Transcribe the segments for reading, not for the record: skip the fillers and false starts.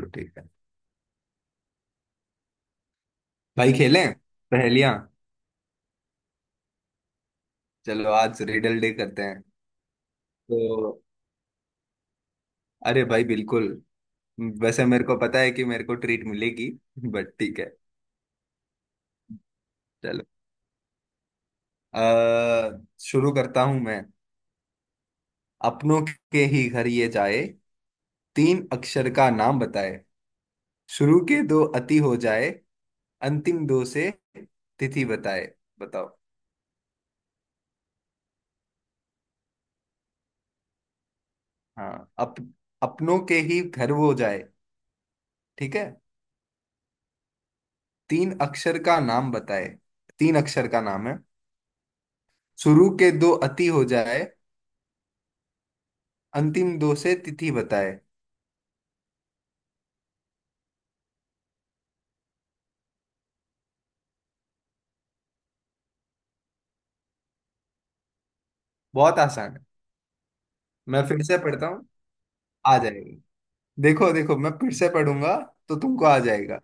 चलो ठीक है। भाई खेलें पहेलियां। चलो आज रिडल डे करते हैं। तो अरे भाई बिल्कुल। वैसे मेरे को पता है कि मेरे को ट्रीट मिलेगी, बट ठीक है। चलो, अ शुरू करता हूं मैं। अपनों के ही घर ये जाए, तीन अक्षर का नाम बताए, शुरू के दो अति हो जाए, अंतिम दो से तिथि बताए। बताओ। हाँ, अपनों के ही घर वो जाए। ठीक है। तीन अक्षर का नाम बताए। तीन अक्षर का नाम है। शुरू के दो अति हो जाए, अंतिम दो से तिथि बताए। बहुत आसान है। मैं फिर से पढ़ता हूँ, आ जाएगा। देखो देखो, मैं फिर से पढ़ूंगा तो तुमको आ जाएगा।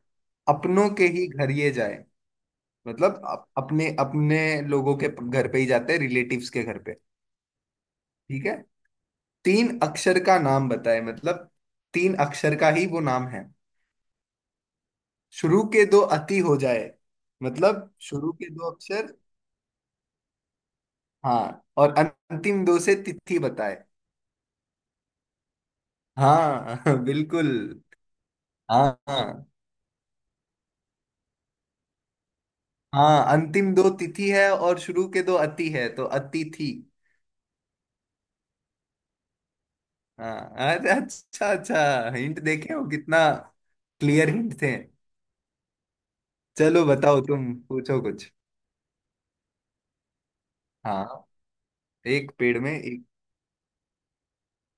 अपनों के ही घर ये जाए मतलब अपने अपने लोगों के घर पे ही जाते हैं, रिलेटिव्स के घर पे। ठीक है। तीन अक्षर का नाम बताए मतलब तीन अक्षर का ही वो नाम है। शुरू के दो अति हो जाए मतलब शुरू के दो अक्षर। हाँ, और अंतिम दो से तिथि बताए। हाँ बिल्कुल। हाँ हाँ। हाँ, अंतिम दो तिथि है और शुरू के दो अति है तो अतिथि। हाँ। अरे, अच्छा अच्छा, हिंट देखे हो कितना, क्लियर हिंट थे। चलो बताओ, तुम पूछो कुछ। हाँ। एक पेड़ में एक,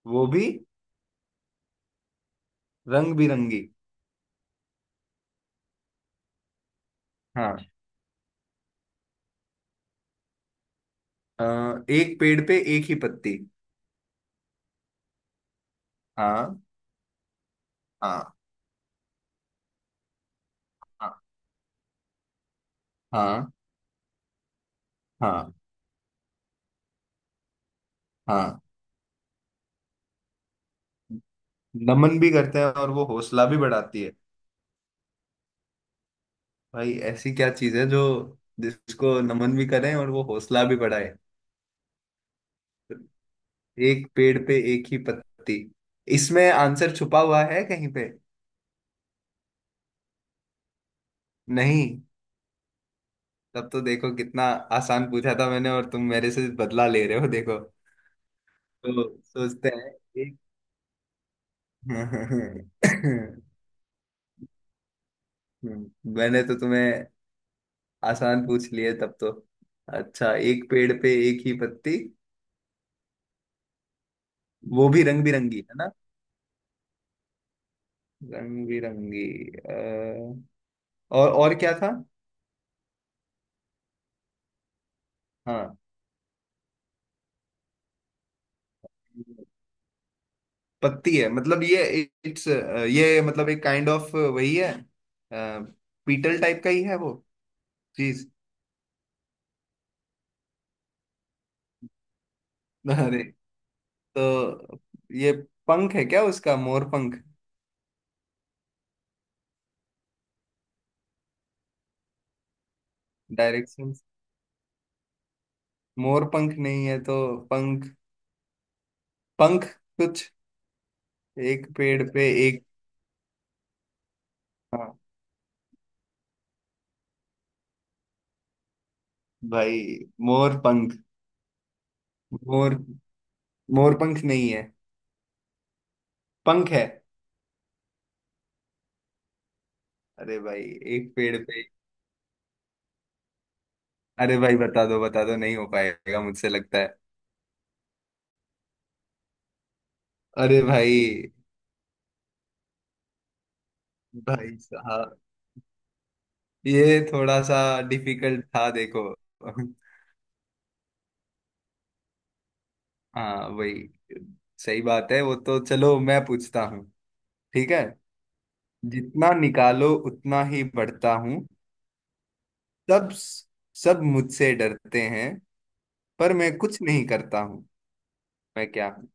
वो भी रंग बिरंगी। हाँ, एक पेड़ पे एक ही पत्ती। हाँ। हाँ। हाँ। हाँ। हाँ। हाँ। नमन भी करते हैं और वो हौसला भी बढ़ाती है। भाई, ऐसी क्या चीज है जो जिसको नमन भी करें और वो हौसला भी बढ़ाए। एक पेड़ पे एक ही पत्ती, इसमें आंसर छुपा हुआ है कहीं पे। नहीं। तब तो देखो कितना आसान पूछा था मैंने, और तुम मेरे से बदला ले रहे हो। देखो, तो सोचते हैं। एक। मैंने तो तुम्हें आसान पूछ लिए, तब तो। अच्छा, एक पेड़ पे एक ही पत्ती, वो भी रंग बिरंगी है ना। रंग बिरंगी। अ, और क्या था। हाँ। पत्ती है मतलब ये, इट्स, ये मतलब एक काइंड ऑफ वही है। पीटल टाइप का ही है वो चीज। अरे, तो ये पंख है क्या उसका, मोर पंख। डायरेक्शन। मोर पंख नहीं है तो। पंख। पंख। कुछ एक पेड़ पे एक। हाँ भाई, मोर पंख। मोर मोर पंख नहीं है, पंख है। अरे भाई, एक पेड़ पे। अरे भाई, बता दो बता दो, नहीं हो पाएगा मुझसे लगता है। अरे भाई। भाई साहब, ये थोड़ा सा डिफिकल्ट था, देखो। हाँ वही। सही बात है वो तो। चलो मैं पूछता हूँ। ठीक है। जितना निकालो उतना ही बढ़ता हूँ, सब सब मुझसे डरते हैं पर मैं कुछ नहीं करता हूँ। मैं क्या हूँ।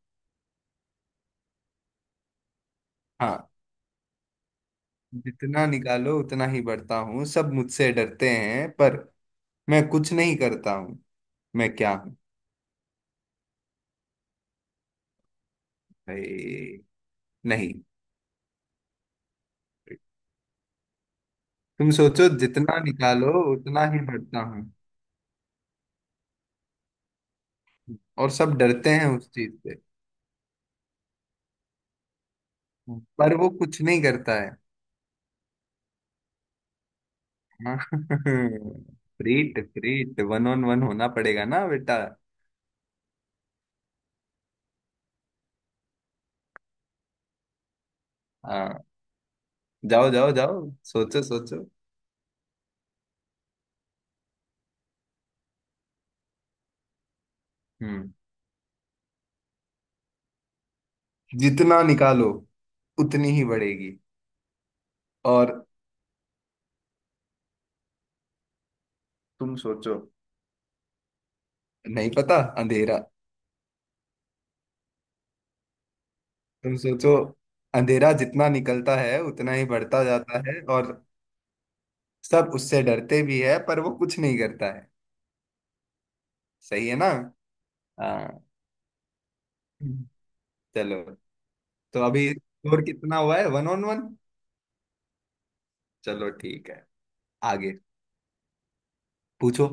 हाँ। जितना निकालो उतना ही बढ़ता हूँ, सब मुझसे डरते हैं पर मैं कुछ नहीं करता हूँ। मैं क्या हूँ। भाई नहीं, तुम सोचो। जितना निकालो उतना ही बढ़ता हूँ, और सब डरते हैं उस चीज से, पर वो कुछ नहीं करता है। हाँ। फ्रीट फ्रीट, वन ऑन वन होना पड़ेगा ना बेटा। हाँ। जाओ जाओ जाओ। सोचो सोचो। हम्म जितना निकालो उतनी ही बढ़ेगी। और तुम सोचो। नहीं पता। अंधेरा। तुम सोचो, अंधेरा जितना निकलता है उतना ही बढ़ता जाता है, और सब उससे डरते भी है पर वो कुछ नहीं करता है। सही है ना। हाँ। चलो। तो अभी स्कोर कितना हुआ है, वन ऑन वन। चलो ठीक है। आगे पूछो।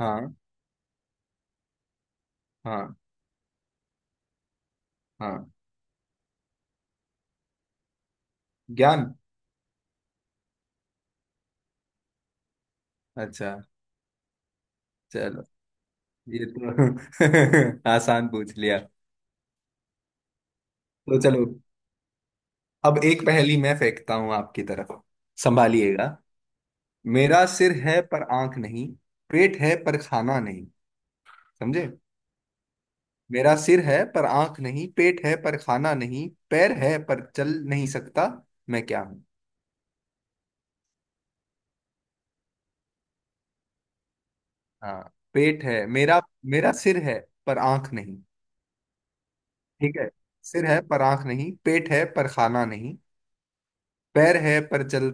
हाँ। हाँ। हाँ। ज्ञान। अच्छा। चलो, ये तो आसान पूछ लिया। तो चलो। अब एक पहेली मैं फेंकता हूँ आपकी तरफ। संभालिएगा। मेरा सिर है पर आंख नहीं, पेट है पर खाना नहीं। समझे। मेरा सिर है पर आंख नहीं, पेट है पर खाना नहीं, पैर है पर चल नहीं सकता। मैं क्या हूँ। हाँ, पेट है मेरा। मेरा सिर है पर आंख नहीं। ठीक है। सिर है पर आंख नहीं, पेट है पर खाना नहीं, पैर है पर चल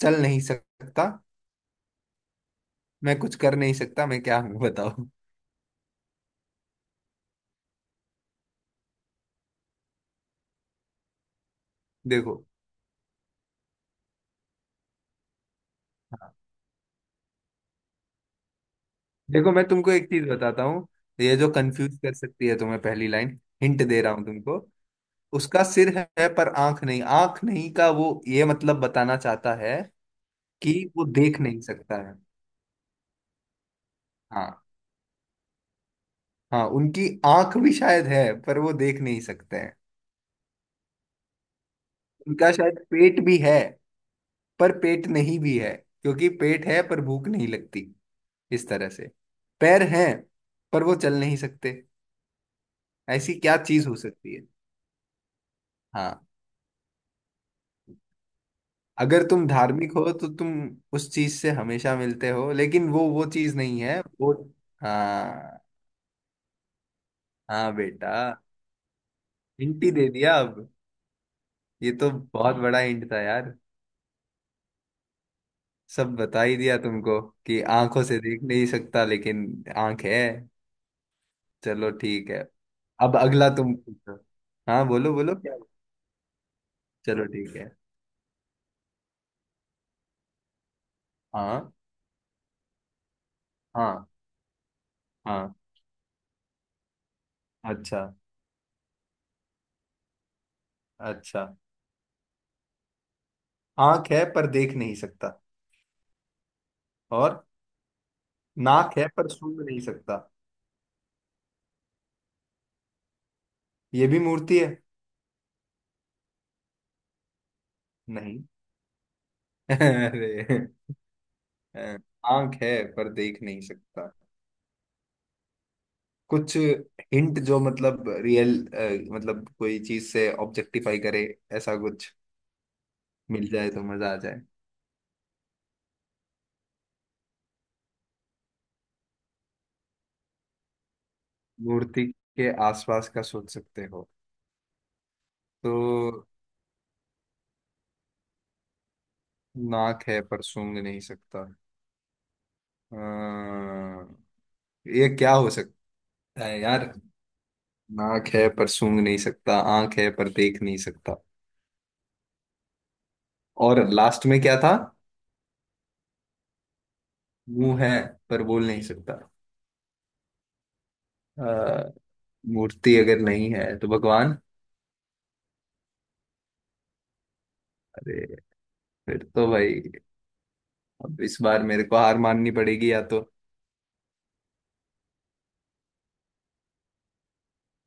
चल नहीं सकता, मैं कुछ कर नहीं सकता। मैं क्या हूं। बताओ। देखो। हाँ। देखो, मैं तुमको एक चीज बताता हूँ। ये जो कंफ्यूज कर सकती है तुम्हें पहली लाइन, हिंट दे रहा हूं तुमको। उसका सिर है पर आंख नहीं। आंख नहीं का वो ये मतलब बताना चाहता है कि वो देख नहीं सकता है। हाँ। हाँ, उनकी आंख भी शायद है पर वो देख नहीं सकते हैं। उनका शायद पेट भी है, पर पेट नहीं भी है, क्योंकि पेट है पर भूख नहीं लगती, इस तरह से। पैर हैं पर वो चल नहीं सकते। ऐसी क्या चीज हो सकती है। हाँ। अगर तुम धार्मिक हो तो तुम उस चीज से हमेशा मिलते हो, लेकिन वो चीज नहीं है वो। हाँ। हाँ बेटा। हिंट ही दे दिया अब। ये तो बहुत बड़ा हिंट था यार, सब बता ही दिया तुमको कि आंखों से देख नहीं सकता लेकिन आंख है। चलो ठीक है। अब अगला तुम पूछो। हाँ बोलो बोलो। चलो ठीक है। हाँ। हाँ। हाँ। अच्छा। अच्छा। आंख है पर देख नहीं सकता, और नाक है पर सूंघ नहीं सकता। ये भी मूर्ति है। नहीं। अरे। अ, आंख है पर देख नहीं सकता। कुछ हिंट जो मतलब रियल, मतलब कोई चीज से ऑब्जेक्टिफाई करे, ऐसा कुछ मिल जाए तो मजा आ जाए। मूर्ति के आसपास का सोच सकते हो। तो नाक है पर सूंघ नहीं सकता। अ, ये क्या हो सकता है यार। नाक है पर सूंघ नहीं सकता। आंख है पर देख नहीं सकता। और लास्ट में क्या था। मुंह है पर बोल नहीं सकता। अ, मूर्ति अगर नहीं है तो भगवान। अरे, फिर तो भाई, अब इस बार मेरे को हार माननी पड़ेगी या तो।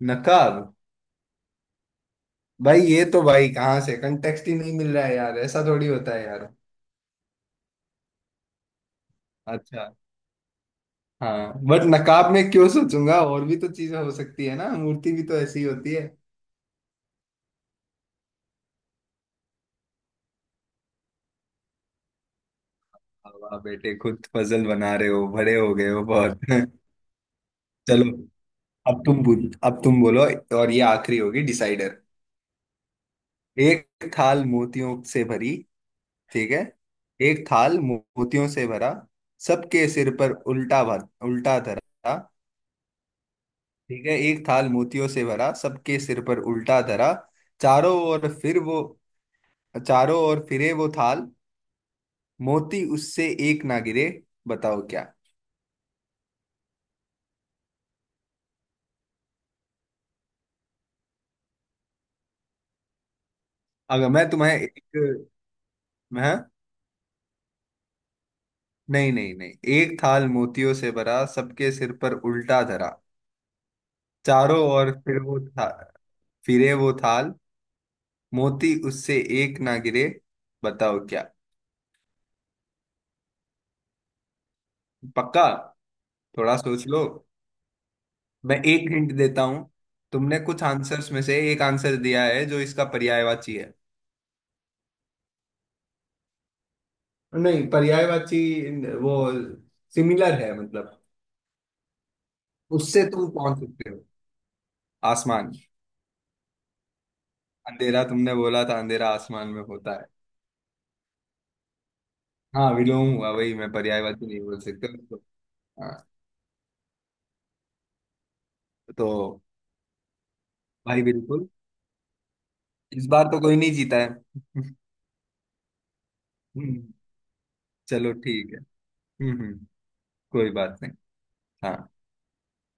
नकाब। भाई, ये तो भाई कहाँ से कंटेक्स्ट ही नहीं मिल रहा है यार, ऐसा थोड़ी होता है यार। अच्छा। हाँ बट नकाब में क्यों सोचूंगा, और भी तो चीजें हो सकती है ना, मूर्ति भी तो ऐसी ही होती है। वाह बेटे, खुद पजल बना रहे हो, बड़े हो गए हो बहुत। चलो, अब तुम बोलो। और ये आखिरी होगी डिसाइडर। एक थाल मोतियों से भरी। ठीक है। एक थाल मोतियों से भरा, सबके सिर पर उल्टा धरा। ठीक है। एक थाल मोतियों से भरा, सबके सिर पर उल्टा धरा। चारों ओर फिर वो चारों ओर फिरे वो थाल, मोती उससे एक ना गिरे। बताओ क्या। अगर मैं तुम्हें एक, मैं, नहीं नहीं नहीं। एक थाल मोतियों से भरा, सबके सिर पर उल्टा धरा। चारों ओर फिर वो था फिरे वो थाल, मोती उससे एक ना गिरे। बताओ क्या। पक्का। थोड़ा सोच लो। मैं एक हिंट देता हूँ। तुमने कुछ आंसर्स में से एक आंसर दिया है जो इसका पर्यायवाची है। नहीं पर्यायवाची, वो सिमिलर है मतलब, उससे तुम पहुंच सकते हो। आसमान। अंधेरा तुमने बोला था, अंधेरा आसमान में होता है। हाँ विलोम हुआ, वही मैं पर्यायवाची नहीं बोल सकता। हाँ। तो भाई बिल्कुल। इस बार तो कोई नहीं जीता है। चलो ठीक है। हम्म। कोई बात नहीं। हाँ।